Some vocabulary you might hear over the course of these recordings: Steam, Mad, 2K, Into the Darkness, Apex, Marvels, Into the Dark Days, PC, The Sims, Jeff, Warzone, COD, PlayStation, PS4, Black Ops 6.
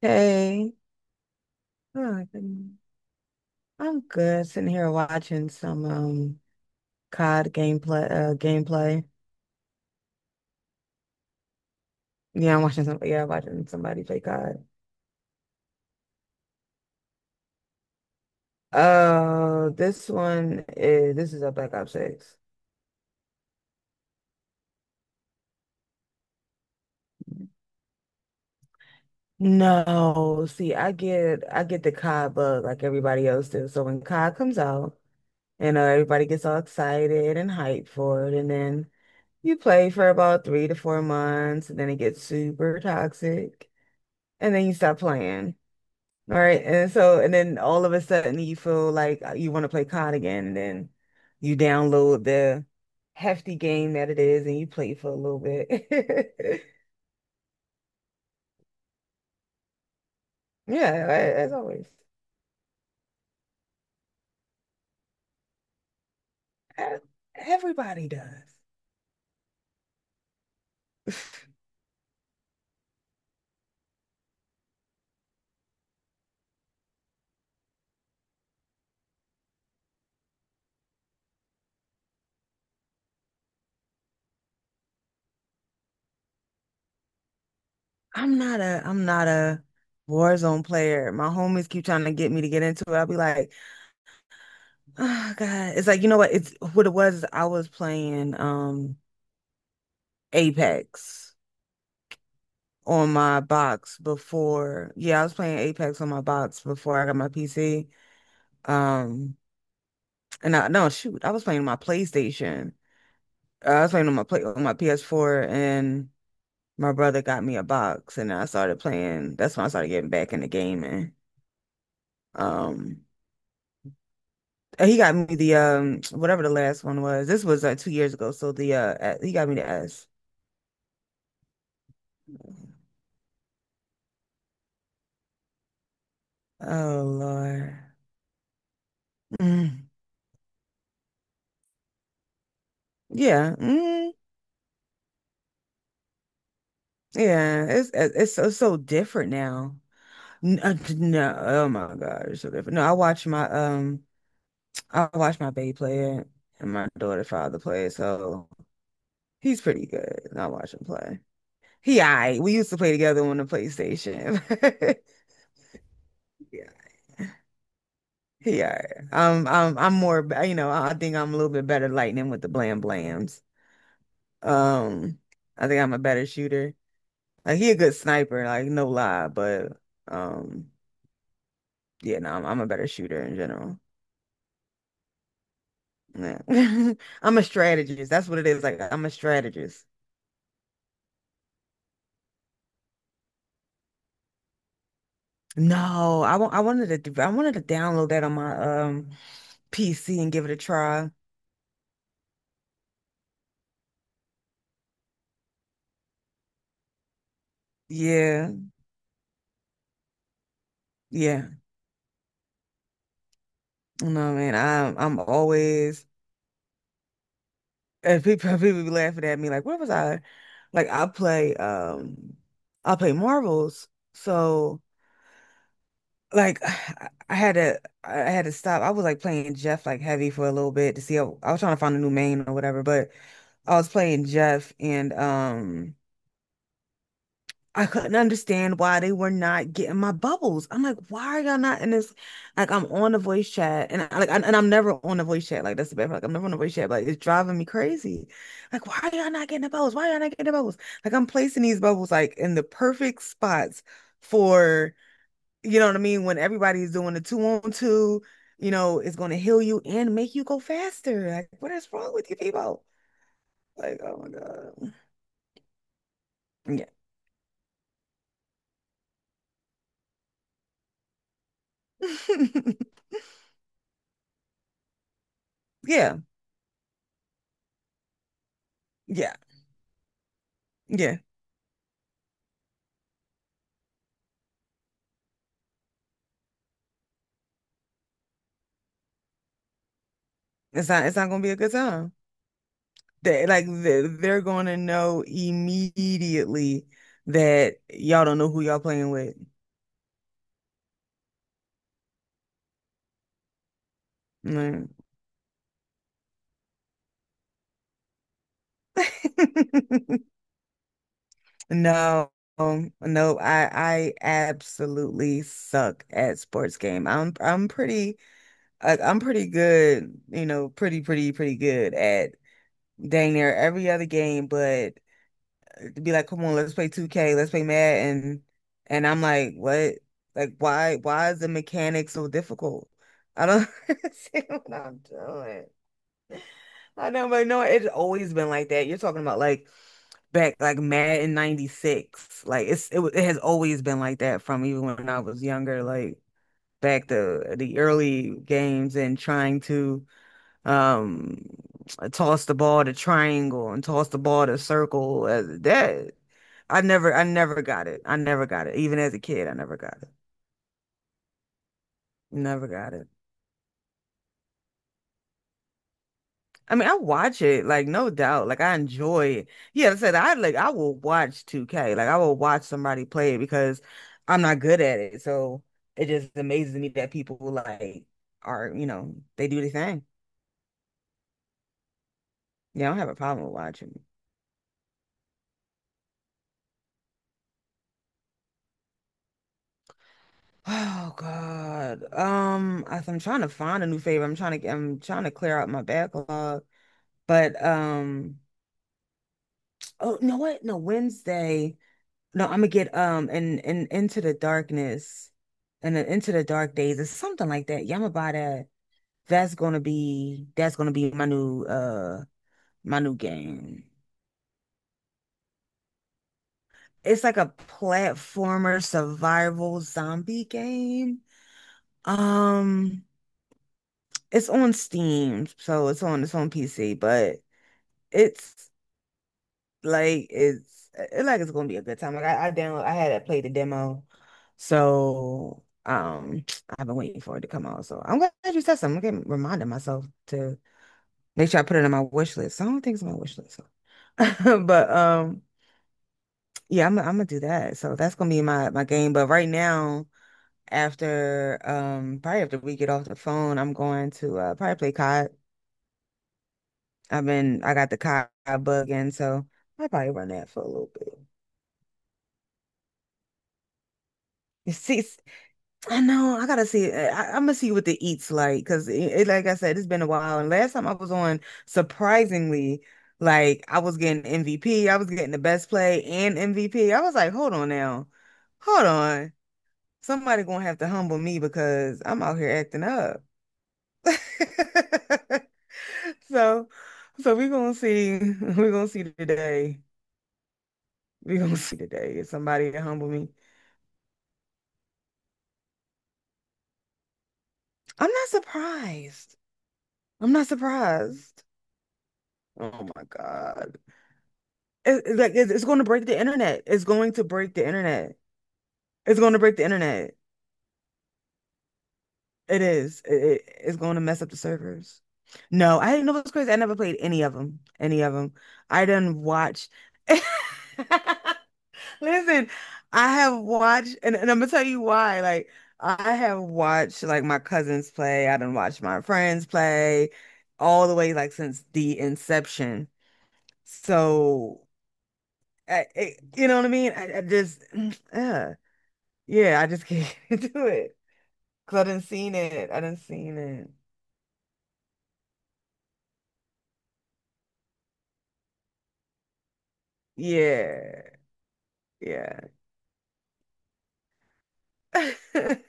Hey, oh, I'm good sitting here watching some COD gameplay. Yeah, I'm watching some, yeah, watching somebody play COD. This is a Black Ops 6. No, see, I get the COD bug like everybody else does. So when COD comes out, everybody gets all excited and hyped for it, and then you play for about 3 to 4 months, and then it gets super toxic, and then you stop playing. All right. And then all of a sudden you feel like you want to play COD again. And then you download the hefty game that it is and you play for a little bit. Yeah, as always. E- Everybody does. I'm not a Warzone player. My homies keep trying to get me to get into it. I'll be like, oh God. It's like, you know what? It's what it was. I was playing Apex on my box before. Yeah, I was playing Apex on my box before I got my PC. Um, and I no shoot, I was playing my PlayStation. I was playing on my PS4, and my brother got me a box, and I started playing. That's when I started getting back into gaming. Um, and he got me the whatever the last one was. This was 2 years ago, so the he got me the S. Oh Lord. Mm. Yeah. Mm. Yeah. It's so, so different now. No, oh my God, it's so different. No, I watch my baby play it and my daughter father play it, so he's pretty good. I watch him play. He, I we used to play together on the PlayStation. Yeah, alright. I'm more, I think I'm a little bit better lightning with the blam blams. Um, I think I'm a better shooter. Like he a good sniper, like no lie, but um, yeah, no, I'm a better shooter in general. Nah. I'm a strategist. That's what it is. Like I'm a strategist. No, I wanted to download that on my PC and give it a try. Yeah. Yeah. No, man. I'm always and people people be laughing at me like, where was I? Like I play Marvels. So like I had to stop. I was like playing Jeff like heavy for a little bit to see how I was trying to find a new main or whatever, but I was playing Jeff and I couldn't understand why they were not getting my bubbles. I'm like, why are y'all not in this? Like, I'm on the voice chat, and I'm never on the voice chat. Like, that's the bad part. Like, I'm never on the voice chat. But like, it's driving me crazy. Like, why are y'all not getting the bubbles? Why are y'all not getting the bubbles? Like, I'm placing these bubbles like in the perfect spots for you know what I mean. When everybody's doing the two on two, it's going to heal you and make you go faster. Like, what is wrong with you people? Like, oh my God. Yeah. Yeah. Yeah. Yeah. It's not gonna be a good time. They're gonna know immediately that y'all don't know who y'all playing with. Mm. No, no, I absolutely suck at sports game. I'm pretty good, pretty good at dang near every other game, but to be like, come on, let's play 2K, let's play Mad, and I'm like, what? Like, why is the mechanic so difficult? I don't see what I'm doing. I know, but no, it's always been like that. You're talking about like back like Mad in '96. Like it has always been like that from even when I was younger. Like back to the early games and trying to um toss the ball to triangle and toss the ball to circle that I never got it. I never got it, even as a kid. I never got it. Never got it. I mean, I watch it, like, no doubt, like, I enjoy it. Yeah, like I said, I will watch 2K like I will watch somebody play it because I'm not good at it, so it just amazes me that people, like, are, they do the thing. Yeah, I don't have a problem with watching. Oh God. I'm trying to find a new favorite. I'm trying to clear out my backlog. But oh, you know what? No, Wednesday. No, I'm gonna get and Into the Darkness and then Into the Dark Days or something like that. Yeah, I'm gonna buy that. That's gonna be my new game. It's like a platformer survival zombie game. Um, it's on Steam, so it's on PC, but It's like it's it, like it's gonna be a good time. Like I had to play the demo, so I've been waiting for it to come out. So I'm glad you said something. Reminding myself to make sure I put it on my wish list. I don't think it's on my wish list, so. But yeah, I'm gonna do that. So that's gonna be my game. But right now, after probably after we get off the phone, I'm going to probably play COD. I got the COD bug in, so I probably run that for a little bit. See, I know. I gotta see. I'm gonna see what the eats like because like I said, it's been a while. And last time I was on, surprisingly, like I was getting MVP. I was getting the best play and MVP. I was like, hold on now, hold on. Somebody gonna have to humble me because I'm out here acting up. So, so, we gonna see. We gonna see today. We gonna see today if somebody can humble me. I'm not surprised. I'm not surprised. Oh my God. It's going to break the internet. It's going to break the internet. It's going to break the internet. It is. It's going to mess up the servers. No, I didn't know it was crazy. I never played any of them. Any of them. I didn't watch. Listen, I have watched, and I'm gonna tell you why. Like, I have watched like my cousins play. I done watched my friends play, all the way like since the inception. So, you know what I mean? I just, yeah. Yeah, I just can't do it. Cause I didn't seen it. I didn't seen it. Yeah. Yeah.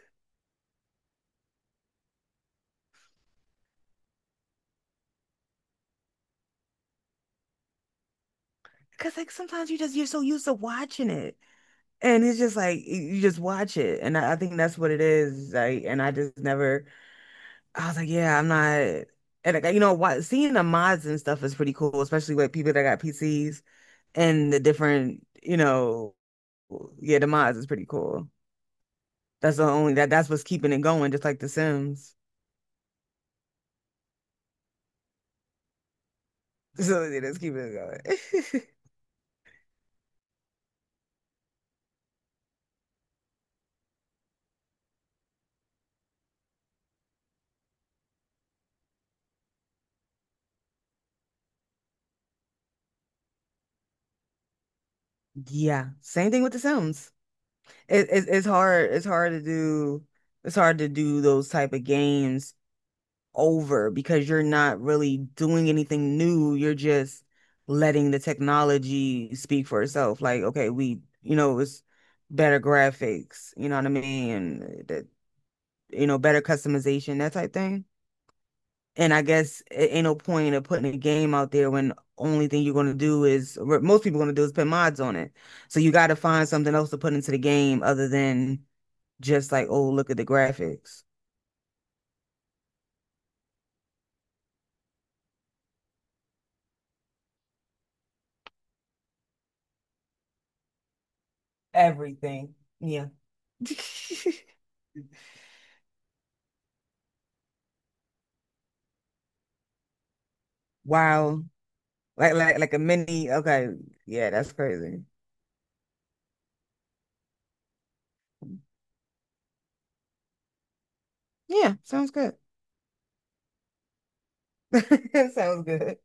Cause like sometimes you're so used to watching it. And it's just like you just watch it. And I think that's what it is. Like, and I just never, I was like, yeah, I'm not. And like you know what, seeing the mods and stuff is pretty cool, especially with people that got PCs and the different, yeah, the mods is pretty cool. That's the only that's what's keeping it going, just like The Sims. So yeah, let's keep it going. Yeah, same thing with the Sims. It's hard. It's hard to do. It's hard to do those type of games over because you're not really doing anything new. You're just letting the technology speak for itself. Like, okay, it's better graphics. You know what I mean? And that, better customization, that type thing. And I guess it ain't no point of putting a game out there when only thing you're gonna do is what most people gonna do is put mods on it. So you gotta find something else to put into the game other than just like, oh, look at the graphics. Everything. Yeah. Wow. Like a mini. Okay. Yeah, that's crazy. Yeah, sounds good. Sounds good.